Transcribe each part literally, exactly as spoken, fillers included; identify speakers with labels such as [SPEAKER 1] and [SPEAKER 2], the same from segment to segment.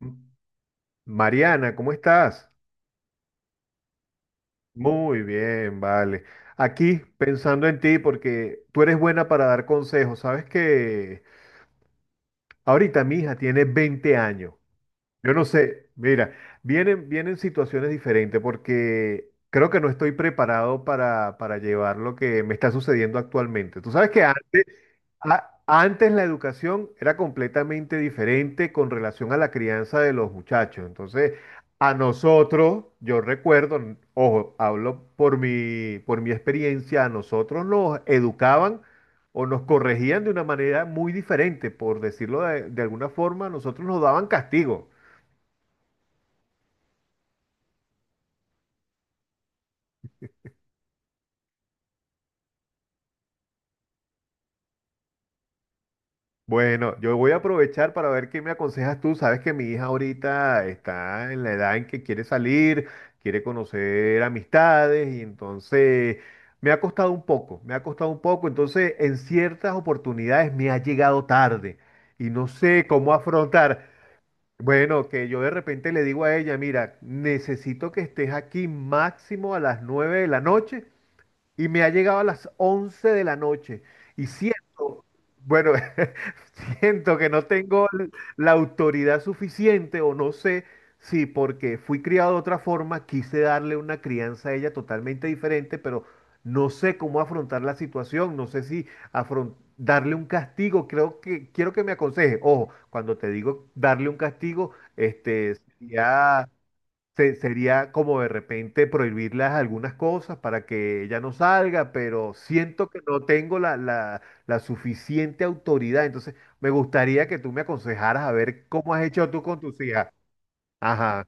[SPEAKER 1] M- Mariana, ¿cómo estás? Muy bien, vale. Aquí pensando en ti porque tú eres buena para dar consejos. Sabes que ahorita mi hija tiene veinte años. Yo no sé, mira, vienen, vienen situaciones diferentes porque creo que no estoy preparado para, para llevar lo que me está sucediendo actualmente. Tú sabes que antes. A- Antes la educación era completamente diferente con relación a la crianza de los muchachos. Entonces, a nosotros, yo recuerdo, n- ojo, hablo por mi, por mi experiencia, a nosotros nos educaban o nos corregían de una manera muy diferente, por decirlo de, de alguna forma, a nosotros nos daban castigo. Bueno, yo voy a aprovechar para ver qué me aconsejas tú. Sabes que mi hija ahorita está en la edad en que quiere salir, quiere conocer amistades y entonces me ha costado un poco, me ha costado un poco. Entonces, en ciertas oportunidades me ha llegado tarde y no sé cómo afrontar. Bueno, que yo de repente le digo a ella, mira, necesito que estés aquí máximo a las nueve de la noche y me ha llegado a las once de la noche y siento, bueno, siento que no tengo l- la autoridad suficiente o no sé si porque fui criado de otra forma, quise darle una crianza a ella totalmente diferente, pero no sé cómo afrontar la situación, no sé si afron- darle un castigo, creo que quiero que me aconseje. Ojo, cuando te digo darle un castigo, este, sería se- sería como de repente prohibirlas algunas cosas para que ella no salga, pero siento que no tengo la, la, la suficiente autoridad. Entonces, me gustaría que tú me aconsejaras a ver cómo has hecho tú con tus hijas. Ajá,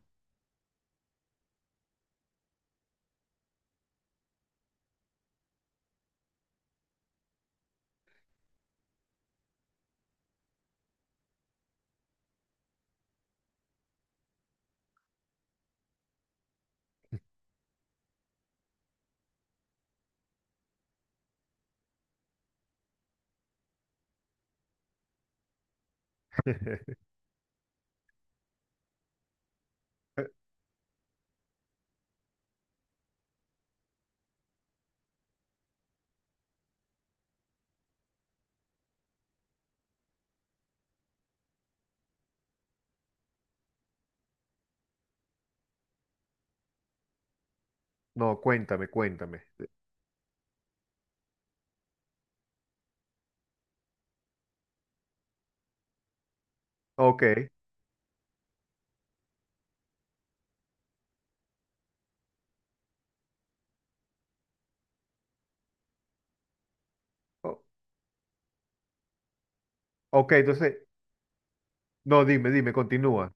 [SPEAKER 1] no, cuéntame, cuéntame. Ok, o- ok, entonces, no, dime, dime, continúa.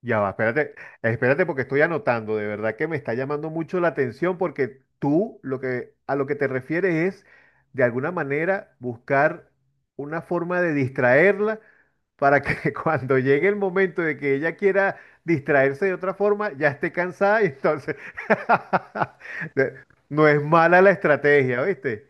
[SPEAKER 1] Ya va, espérate, espérate porque estoy anotando, de verdad que me está llamando mucho la atención porque tú lo que a lo que te refieres es de alguna manera buscar una forma de distraerla para que cuando llegue el momento de que ella quiera distraerse de otra forma ya esté cansada y entonces de- no es mala la estrategia, ¿viste?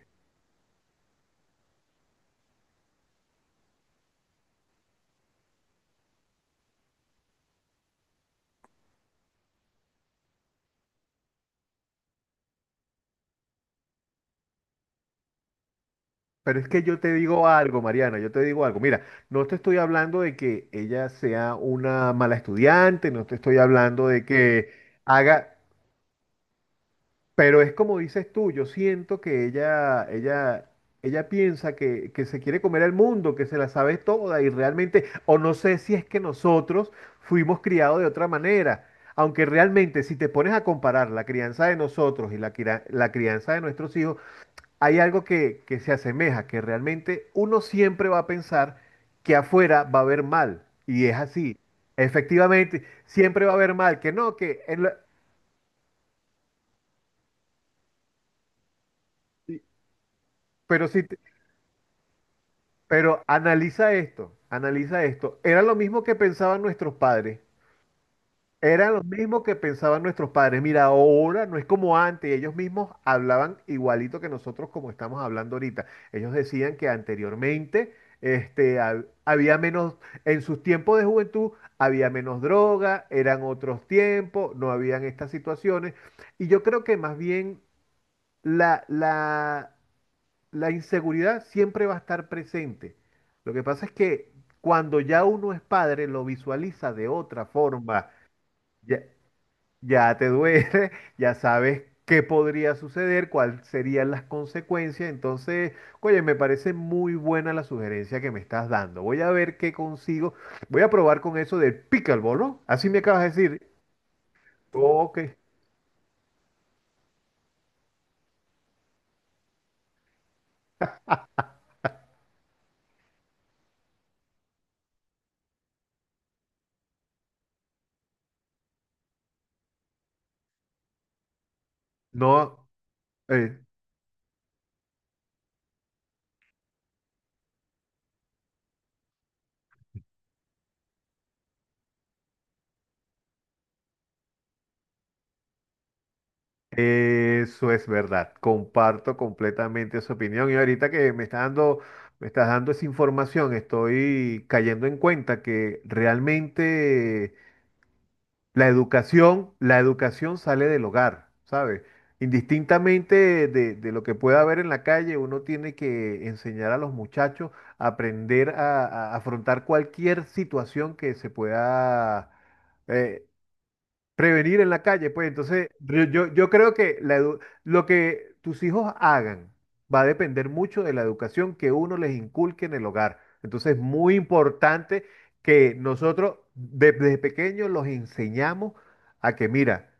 [SPEAKER 1] Pero es que yo te digo algo, Mariana, yo te digo algo. Mira, no te estoy hablando de que ella sea una mala estudiante, no te estoy hablando de que haga, pero es como dices tú, yo siento que ella, ella, ella piensa que, que se quiere comer el mundo, que se la sabe toda y realmente, o no sé si es que nosotros fuimos criados de otra manera. Aunque realmente, si te pones a comparar la crianza de nosotros y la, cria- la crianza de nuestros hijos, hay algo que, que se asemeja, que realmente uno siempre va a pensar que afuera va a haber mal, y es así. Efectivamente, siempre va a haber mal, que no, que... en la- Pero sí, te- pero analiza esto, analiza esto. Era lo mismo que pensaban nuestros padres. Eran los mismos que pensaban nuestros padres. Mira, ahora no es como antes. Ellos mismos hablaban igualito que nosotros como estamos hablando ahorita. Ellos decían que anteriormente este, hab- había menos, en sus tiempos de juventud había menos droga, eran otros tiempos, no habían estas situaciones. Y yo creo que más bien la, la, la inseguridad siempre va a estar presente. Lo que pasa es que cuando ya uno es padre, lo visualiza de otra forma. Ya- ya te duele, ya sabes qué podría suceder, cuáles serían las consecuencias. Entonces, oye, me parece muy buena la sugerencia que me estás dando. Voy a ver qué consigo. Voy a probar con eso del pickleball, ¿no? Así me acabas de decir. Ok, no, eh, eso es verdad. Comparto completamente esa opinión. Y ahorita que me estás dando, me estás dando esa información, estoy cayendo en cuenta que realmente la educación, la educación sale del hogar, ¿sabes? Indistintamente de, de lo que pueda haber en la calle, uno tiene que enseñar a los muchachos a aprender a, a afrontar cualquier situación que se pueda, eh, prevenir en la calle, pues entonces yo, yo, yo creo que la edu- lo que tus hijos hagan va a depender mucho de la educación que uno les inculque en el hogar. Entonces es muy importante que nosotros de- desde pequeños los enseñamos a que, mira,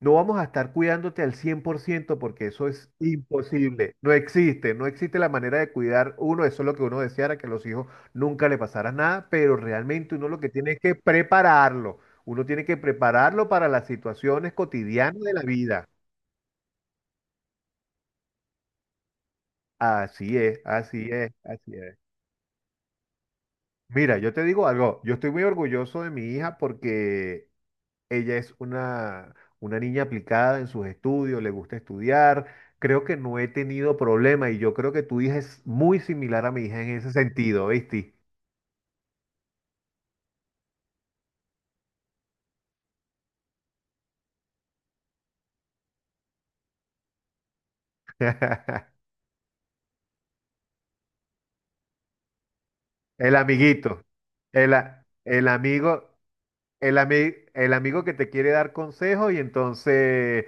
[SPEAKER 1] no vamos a estar cuidándote al cien por ciento porque eso es imposible. No existe, no existe la manera de cuidar uno. Eso es lo que uno deseara, que a los hijos nunca le pasara nada, pero realmente uno lo que tiene es que prepararlo. Uno tiene que prepararlo para las situaciones cotidianas de la vida. Así es, así es, así es. Mira, yo te digo algo, yo estoy muy orgulloso de mi hija porque ella es una, una niña aplicada en sus estudios, le gusta estudiar. Creo que no he tenido problema y yo creo que tu hija es muy similar a mi hija en ese sentido, ¿viste? El amiguito, el, a- el amigo. El, ami- el amigo que te quiere dar consejos y entonces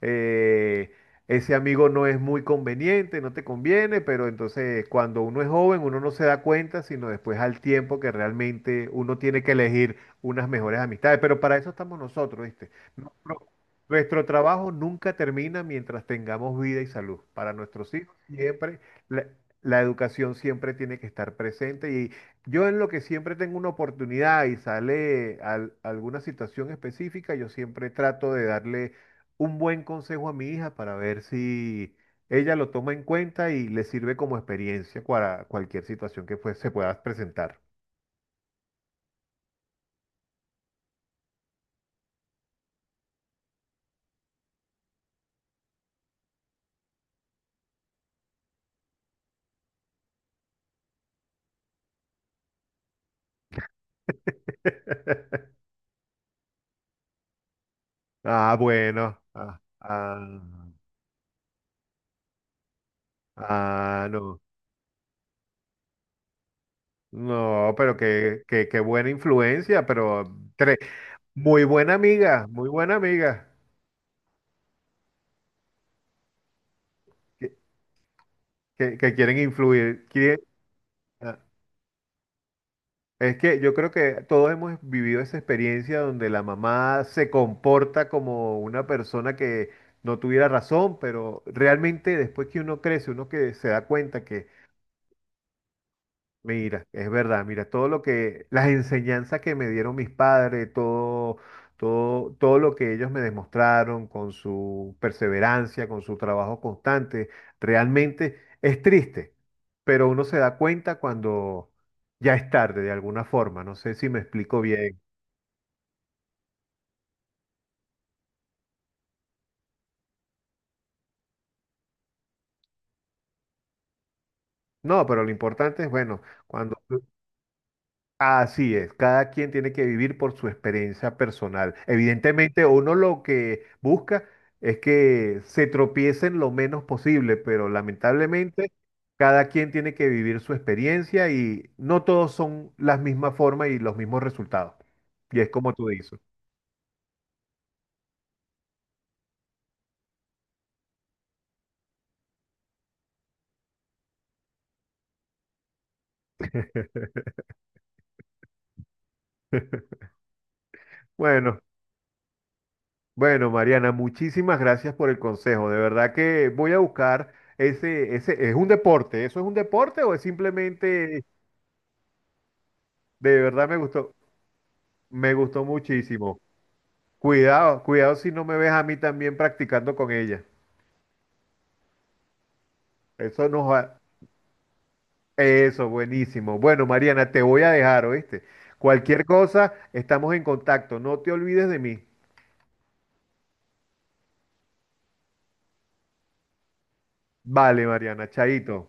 [SPEAKER 1] eh, ese amigo no es muy conveniente, no te conviene, pero entonces cuando uno es joven uno no se da cuenta, sino después al tiempo que realmente uno tiene que elegir unas mejores amistades. Pero para eso estamos nosotros, ¿viste? Nuestro, nuestro trabajo nunca termina mientras tengamos vida y salud. Para nuestros hijos siempre la, la educación siempre tiene que estar presente. Yo en lo que siempre tengo una oportunidad y sale al- alguna situación específica, yo siempre trato de darle un buen consejo a mi hija para ver si ella lo toma en cuenta y le sirve como experiencia para cualquier situación que pues, se pueda presentar. Ah, bueno. Ah, ah, ah, no. No, pero qué, qué, qué buena influencia, pero tre- muy buena amiga, muy buena amiga, que, que- que quieren influir. quiere- Es que yo creo que todos hemos vivido esa experiencia donde la mamá se comporta como una persona que no tuviera razón, pero realmente después que uno crece, uno que se da cuenta que. Mira, es verdad, mira, todo lo que, las enseñanzas que me dieron mis padres, todo, todo, todo lo que ellos me demostraron con su perseverancia, con su trabajo constante, realmente es triste, pero uno se da cuenta cuando ya es tarde de alguna forma, no sé si me explico bien. No, pero lo importante es, bueno, cuando, así es, cada quien tiene que vivir por su experiencia personal. Evidentemente, uno lo que busca es que se tropiecen lo menos posible, pero lamentablemente cada quien tiene que vivir su experiencia y no todos son las mismas formas y los mismos resultados. Y es como tú dices. Bueno, bueno, Mariana, muchísimas gracias por el consejo. De verdad que voy a buscar ese, ese, ¿es un deporte? ¿Eso es un deporte o es simplemente, de verdad me gustó? Me gustó muchísimo. Cuidado, cuidado si no me ves a mí también practicando con ella. Eso nos va. Eso, buenísimo. Bueno, Mariana, te voy a dejar, ¿oíste? Cualquier cosa, estamos en contacto. No te olvides de mí. Vale, Mariana, chaito.